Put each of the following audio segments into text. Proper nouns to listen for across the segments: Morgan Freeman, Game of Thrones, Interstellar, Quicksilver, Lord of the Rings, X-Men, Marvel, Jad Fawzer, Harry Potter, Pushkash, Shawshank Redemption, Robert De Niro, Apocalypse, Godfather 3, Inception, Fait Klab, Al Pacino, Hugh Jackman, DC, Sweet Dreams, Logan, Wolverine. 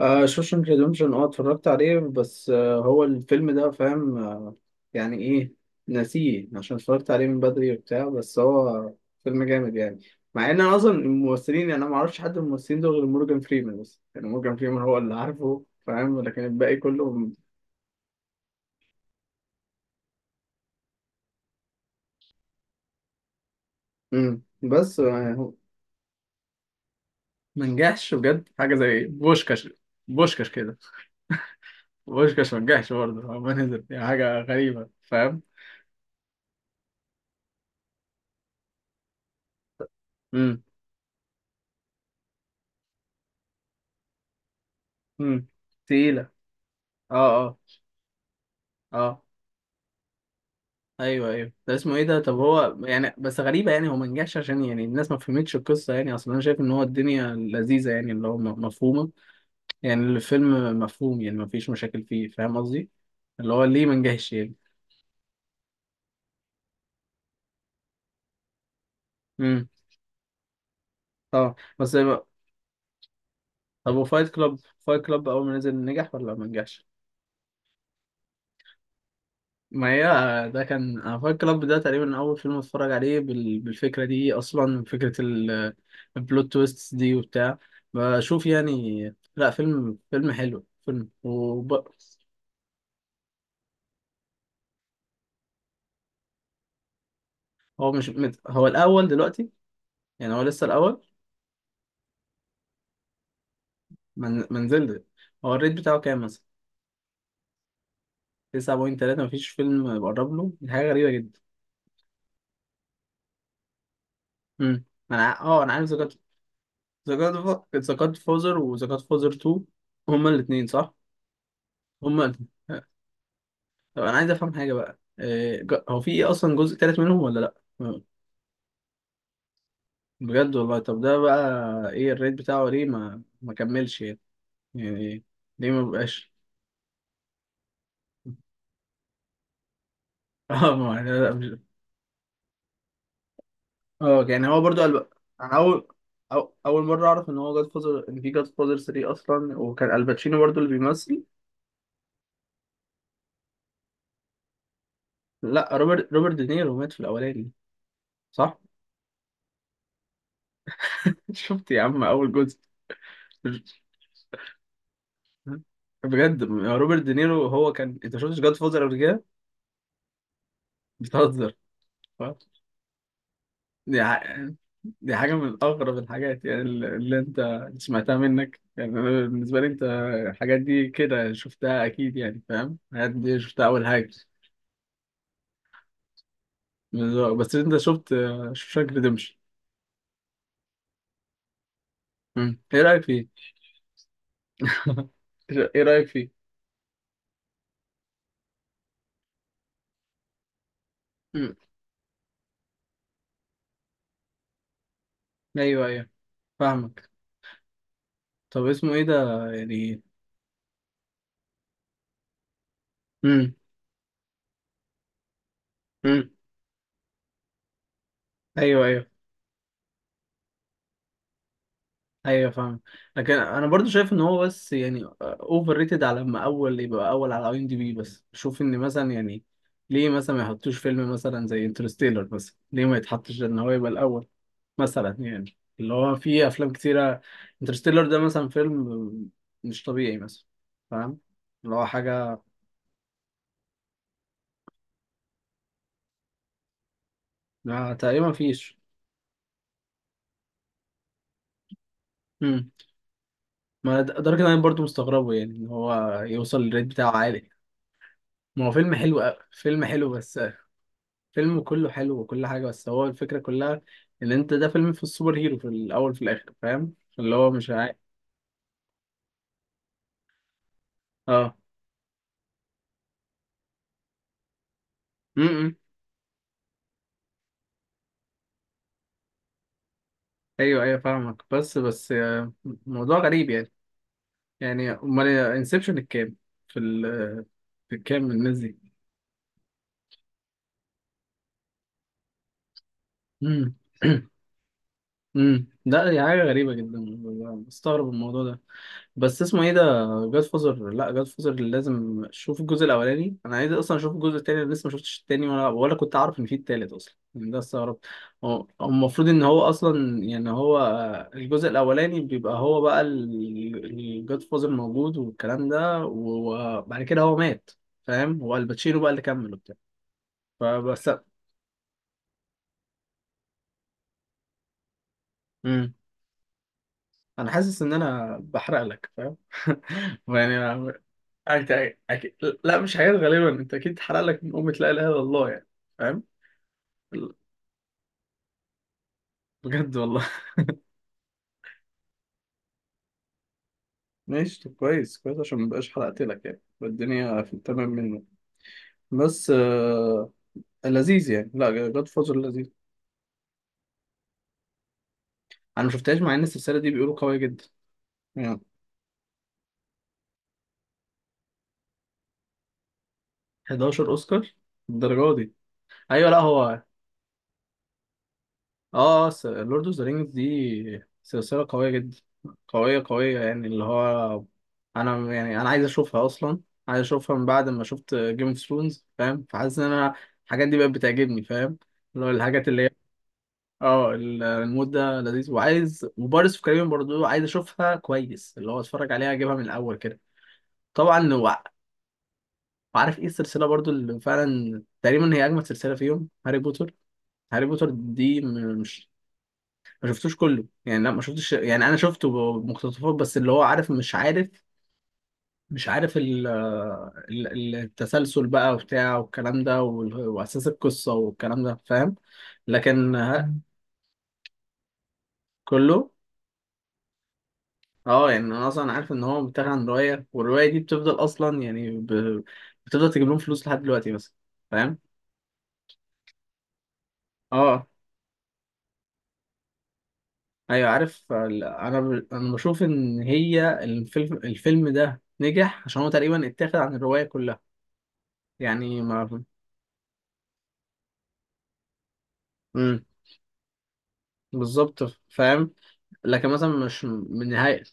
شوشنك ريدمشن، اتفرجت عليه. بس هو الفيلم ده، فاهم؟ يعني ايه؟ ناسيه عشان اتفرجت عليه من بدري وبتاع، بس هو فيلم جامد يعني. مع ان انا اصلا الممثلين، يعني انا ما اعرفش حد من الممثلين دول غير مورجان فريمان، بس يعني مورجان فريمان هو اللي عارفه، فاهم؟ لكن الباقي كله بس هو ما نجحش بجد. حاجه زي بوشكاش. بوشكاش كده، بوشكاش ما نجحش برضه، ما نزل، يعني حاجه غريبه، فاهم؟ امم امم تقيله. اه، اه، اه، ايوه ايوه. ده اسمه ايه ده؟ طب هو يعني، بس غريبه، يعني هو ما نجحش عشان يعني الناس ما فهمتش القصه، يعني اصلا انا شايف ان هو الدنيا لذيذه، يعني اللي هو مفهومه. يعني الفيلم مفهوم، يعني ما فيش مشاكل فيه، فاهم قصدي؟ اللي هو ليه ما نجحش يعني؟ امم طبعا بس. طب وفايت كلاب، فايت كلاب اول ما نزل نجح ولا ما نجحش؟ ما هي ده كان، انا فاكر كلاب ده تقريبا اول فيلم اتفرج عليه بالفكره دي، اصلا فكره البلوت تويست دي وبتاع، بشوف يعني. لا فيلم، فيلم حلو، فيلم هو مش مت... هو الاول دلوقتي، يعني هو لسه الاول منزل. هو الريت بتاعه كام مثلا؟ 9.3. مفيش فيلم بقرب له، دي حاجه غريبه جدا. امم انا انا عارف ذا جاد، ذا جاد فوزر وذا جاد فوزر 2، هما الاثنين صح. هما، طب انا عايز افهم حاجه بقى، إيه هو في ايه اصلا؟ جزء تالت منهم ولا لا؟ م- بجد والله؟ طب ده بقى ايه الريت بتاعه؟ ليه ما كملش يعني؟ يعني ليه ما بقاش؟ اه، ما، لا لا مش. اه، يعني هو برضو قال بقى. انا اول، أو اول مره اعرف ان هو جاد فوزر، ان في جاد فوزر 3 اصلا، وكان الباتشينو برضو اللي بيمثل. لا روبرت، روبرت دينيرو مات في الاولاني، صح؟ شفت يا عم اول جزء. بجد؟ روبرت دينيرو، هو كان، انت شفتش جاد فوزر قبل كده؟ بتهزر. دي ح- دي حاجة من أغرب الحاجات، يعني اللي أنت سمعتها منك، يعني. أنا بالنسبة لي أنت الحاجات دي كده شفتها أكيد، يعني فاهم؟ الحاجات دي شفتها أول حاجة. بس أنت شفت شوشانك ريديمشن، إيه رأيك فيه؟ إيه رأيك فيه؟ مم. أيوه أيوه، فاهمك. طب اسمه إيه ده يعني؟ مم. مم. أيوه أيوه، ايوه فاهم. لكن انا برضو شايف ان هو، بس يعني اوفر ريتد، على لما اول يبقى اول على اي ام دي بي. بس بشوف ان مثلا يعني، ليه مثلا ما يحطوش فيلم مثلا زي انترستيلر مثلا؟ ليه ما يتحطش ان هو يبقى الاول مثلا، يعني اللي هو في افلام كتيره. انترستيلر ده مثلا فيلم مش طبيعي مثلا، فاهم؟ اللي هو حاجه. ما تقريبا مفيش. امم ما لدرجه إن انا برضو مستغربه يعني، ان هو يوصل للريت بتاعه عالي. ما هو فيلم حلو أوي. فيلم حلو، بس فيلم كله حلو، وكل حاجة، بس هو الفكرة كلها إن أنت ده فيلم في السوبر هيرو، في الأول في الآخر، فاهم؟ اللي هو مش عارف. اه، امم أيوه أيوه فاهمك. بس بس آه، موضوع غريب يعني. يعني أمال انسبشن الكام؟ في ال في الكام الناس دي؟ امم لا، دي حاجة غريبة جدا. مستغرب الموضوع ده. بس اسمه ايه ده؟ جاد فوزر، لا جاد فوزر لازم اشوف الجزء الاولاني. انا عايز اصلا اشوف الجزء التاني، انا لسه ما شفتش التاني ولا كنت اعرف ان في التالت اصلا، يعني ده استغربت. هو المفروض ان هو اصلا، يعني هو، الجزء الاولاني بيبقى، هو بقى الجاد فوزر موجود والكلام ده، وبعد كده هو مات. فاهم؟ هو الباتشينو بقى اللي كمل وبتاع. فبس. امم انا حاسس ان انا بحرق لك، فاهم؟ يعني. أنت أكيد. لا مش حاجات، غالبا أنت أكيد اتحرق لك من أمة لا إله إلا الله، يعني فاهم؟ ال- بجد والله. ماشي، طب كويس كويس، عشان مبقاش حرقت لك، يعني يبقى الدنيا في التمام منه. بس آه... لذيذ يعني. لا جاد فازر لذيذ. أنا ما شفتهاش، مع إن السلسلة دي بيقولوا قوية جدا، يعني. 11 أوسكار، الدرجة دي؟ أيوه لا هو، اه. لورد اوف ذا رينجز دي سلسلة قوية جدا، قوية قوية، يعني اللي هو، انا يعني انا عايز اشوفها اصلا. عايز اشوفها من بعد ما شفت جيم اوف ثرونز، فاهم؟ فحاسس ان انا الحاجات دي بقت بتعجبني، فاهم؟ اللي هو الحاجات اللي هي. اه، المود ده لذيذ. وعايز، وبارس في كاريبيان برضو عايز اشوفها كويس، اللي هو اتفرج عليها، اجيبها من الاول كده. طبعا وعارف ايه السلسلة برضو اللي فعلا تقريبا هي اجمد سلسلة فيهم؟ هاري بوتر. هاري بوتر دي مش، ما شفتوش كله يعني. لا ما شفتش، يعني انا شفته مقتطفات بس. اللي هو عارف مش عارف، مش عارف التسلسل بقى وبتاع والكلام ده واساس القصه والكلام ده، فاهم؟ لكن ها. كله. اه، يعني انا اصلا عارف ان هو بيتاخد عن روايه، والروايه دي بتفضل اصلا، يعني بتفضل تجيب لهم فلوس لحد دلوقتي، بس فاهم. اه، ايوه عارف انا انا بشوف ان هي الفيلم، الفيلم ده نجح عشان هو تقريبا اتاخد عن الروايه كلها، يعني ما. مم. بالظبط، فاهم. لكن مثلا مش من نهاية.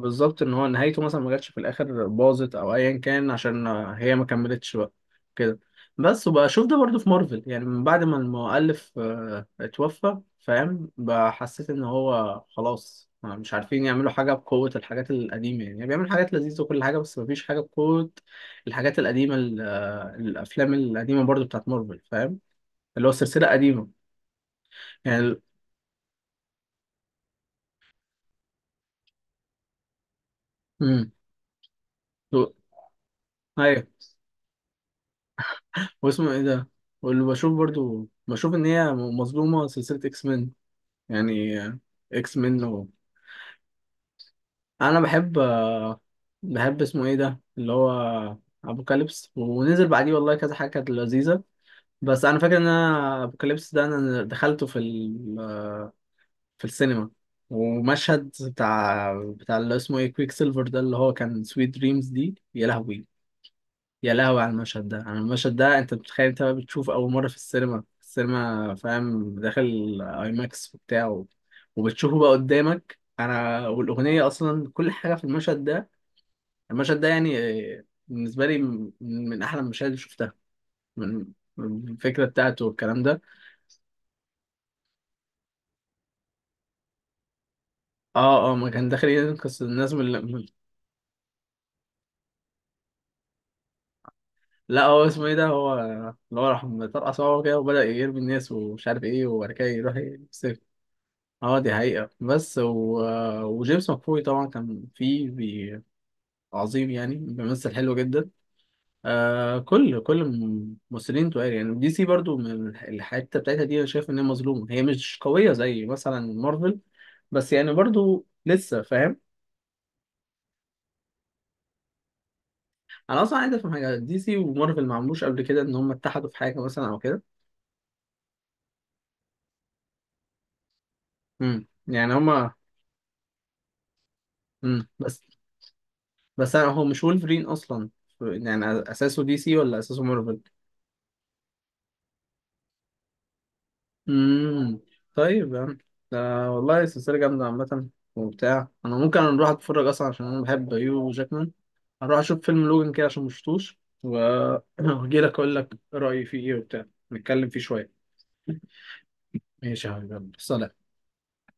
بالظبط، ان هو نهايته مثلا ما جاتش في الاخر، باظت او ايا كان، عشان هي ما كملتش بقى كده. بس وبقى اشوف ده برضو في مارفل، يعني من بعد ما المؤلف اتوفى، فاهم؟ بقى حسيت ان هو خلاص، مش عارفين يعملوا حاجة بقوة الحاجات القديمة، يعني، يعني بيعمل حاجات لذيذة وكل حاجة، بس مفيش حاجة بقوة الحاجات القديمة، الأفلام القديمة برضو بتاعت مارفل، فاهم؟ اللي هو سلسلة قديمة، يعني مم. ايوه. واسمه ايه ده؟ واللي بشوف برضو، بشوف ان هي مظلومة سلسلة اكس مين، يعني اكس مين و... انا بحب، بحب اسمه ايه ده اللي هو ابوكاليبس، ونزل بعديه والله كذا حاجة كانت لذيذة. بس انا فاكر ان انا ابوكاليبس ده انا دخلته في السينما، ومشهد بتاع اللي اسمه ايه؟ كويك سيلفر ده، اللي هو كان سويت دريمز دي، يا لهوي. يا لهوي على المشهد ده. على المشهد ده، انت بتخيل انت بقى بتشوف اول مره في السينما، فاهم؟ داخل اي ماكس وبتاع، وبتشوفه بقى قدامك، انا والاغنيه، اصلا كل حاجه في المشهد ده. المشهد ده، يعني بالنسبه لي من من احلى المشاهد اللي شفتها، من من الفكره بتاعته والكلام ده. اه اه، ما كان داخل ينقذ الناس لا هو اسمه ايه ده، هو اللي هو راح مطرقع صوابعه كده، وبدأ يرمي الناس ومش عارف ايه، وبعد كده يروح. اه دي حقيقة. بس و... وجيمس مكفوي طبعا كان فيه عظيم، يعني بيمثل حلو جدا. آه، كل الممثلين تقال، يعني دي سي برضو من الحتة بتاعتها دي، انا شايف ان هي مظلومة، هي مش قوية زي مثلا مارفل، بس يعني برضو لسه فاهم. انا اصلا عايز افهم حاجة، دي سي ومارفل ما عملوش قبل كده ان هم اتحدوا في حاجة مثلا او كده؟ يعني هما. امم بس بس هو مش وولفرين اصلا، يعني اساسه دي سي ولا اساسه مارفل؟ امم طيب يا عم، ده والله سلسلة جامدة عامة وبتاع. أنا ممكن أروح أتفرج أصلا، عشان أنا بحب هيو جاكمان، أروح أشوف فيلم لوجن كده عشان مشفتوش وأجيلك أقول لك رأيي فيه إيه وبتاع، نتكلم فيه شوية. ماشي يا حبيبي، يلا. سلام.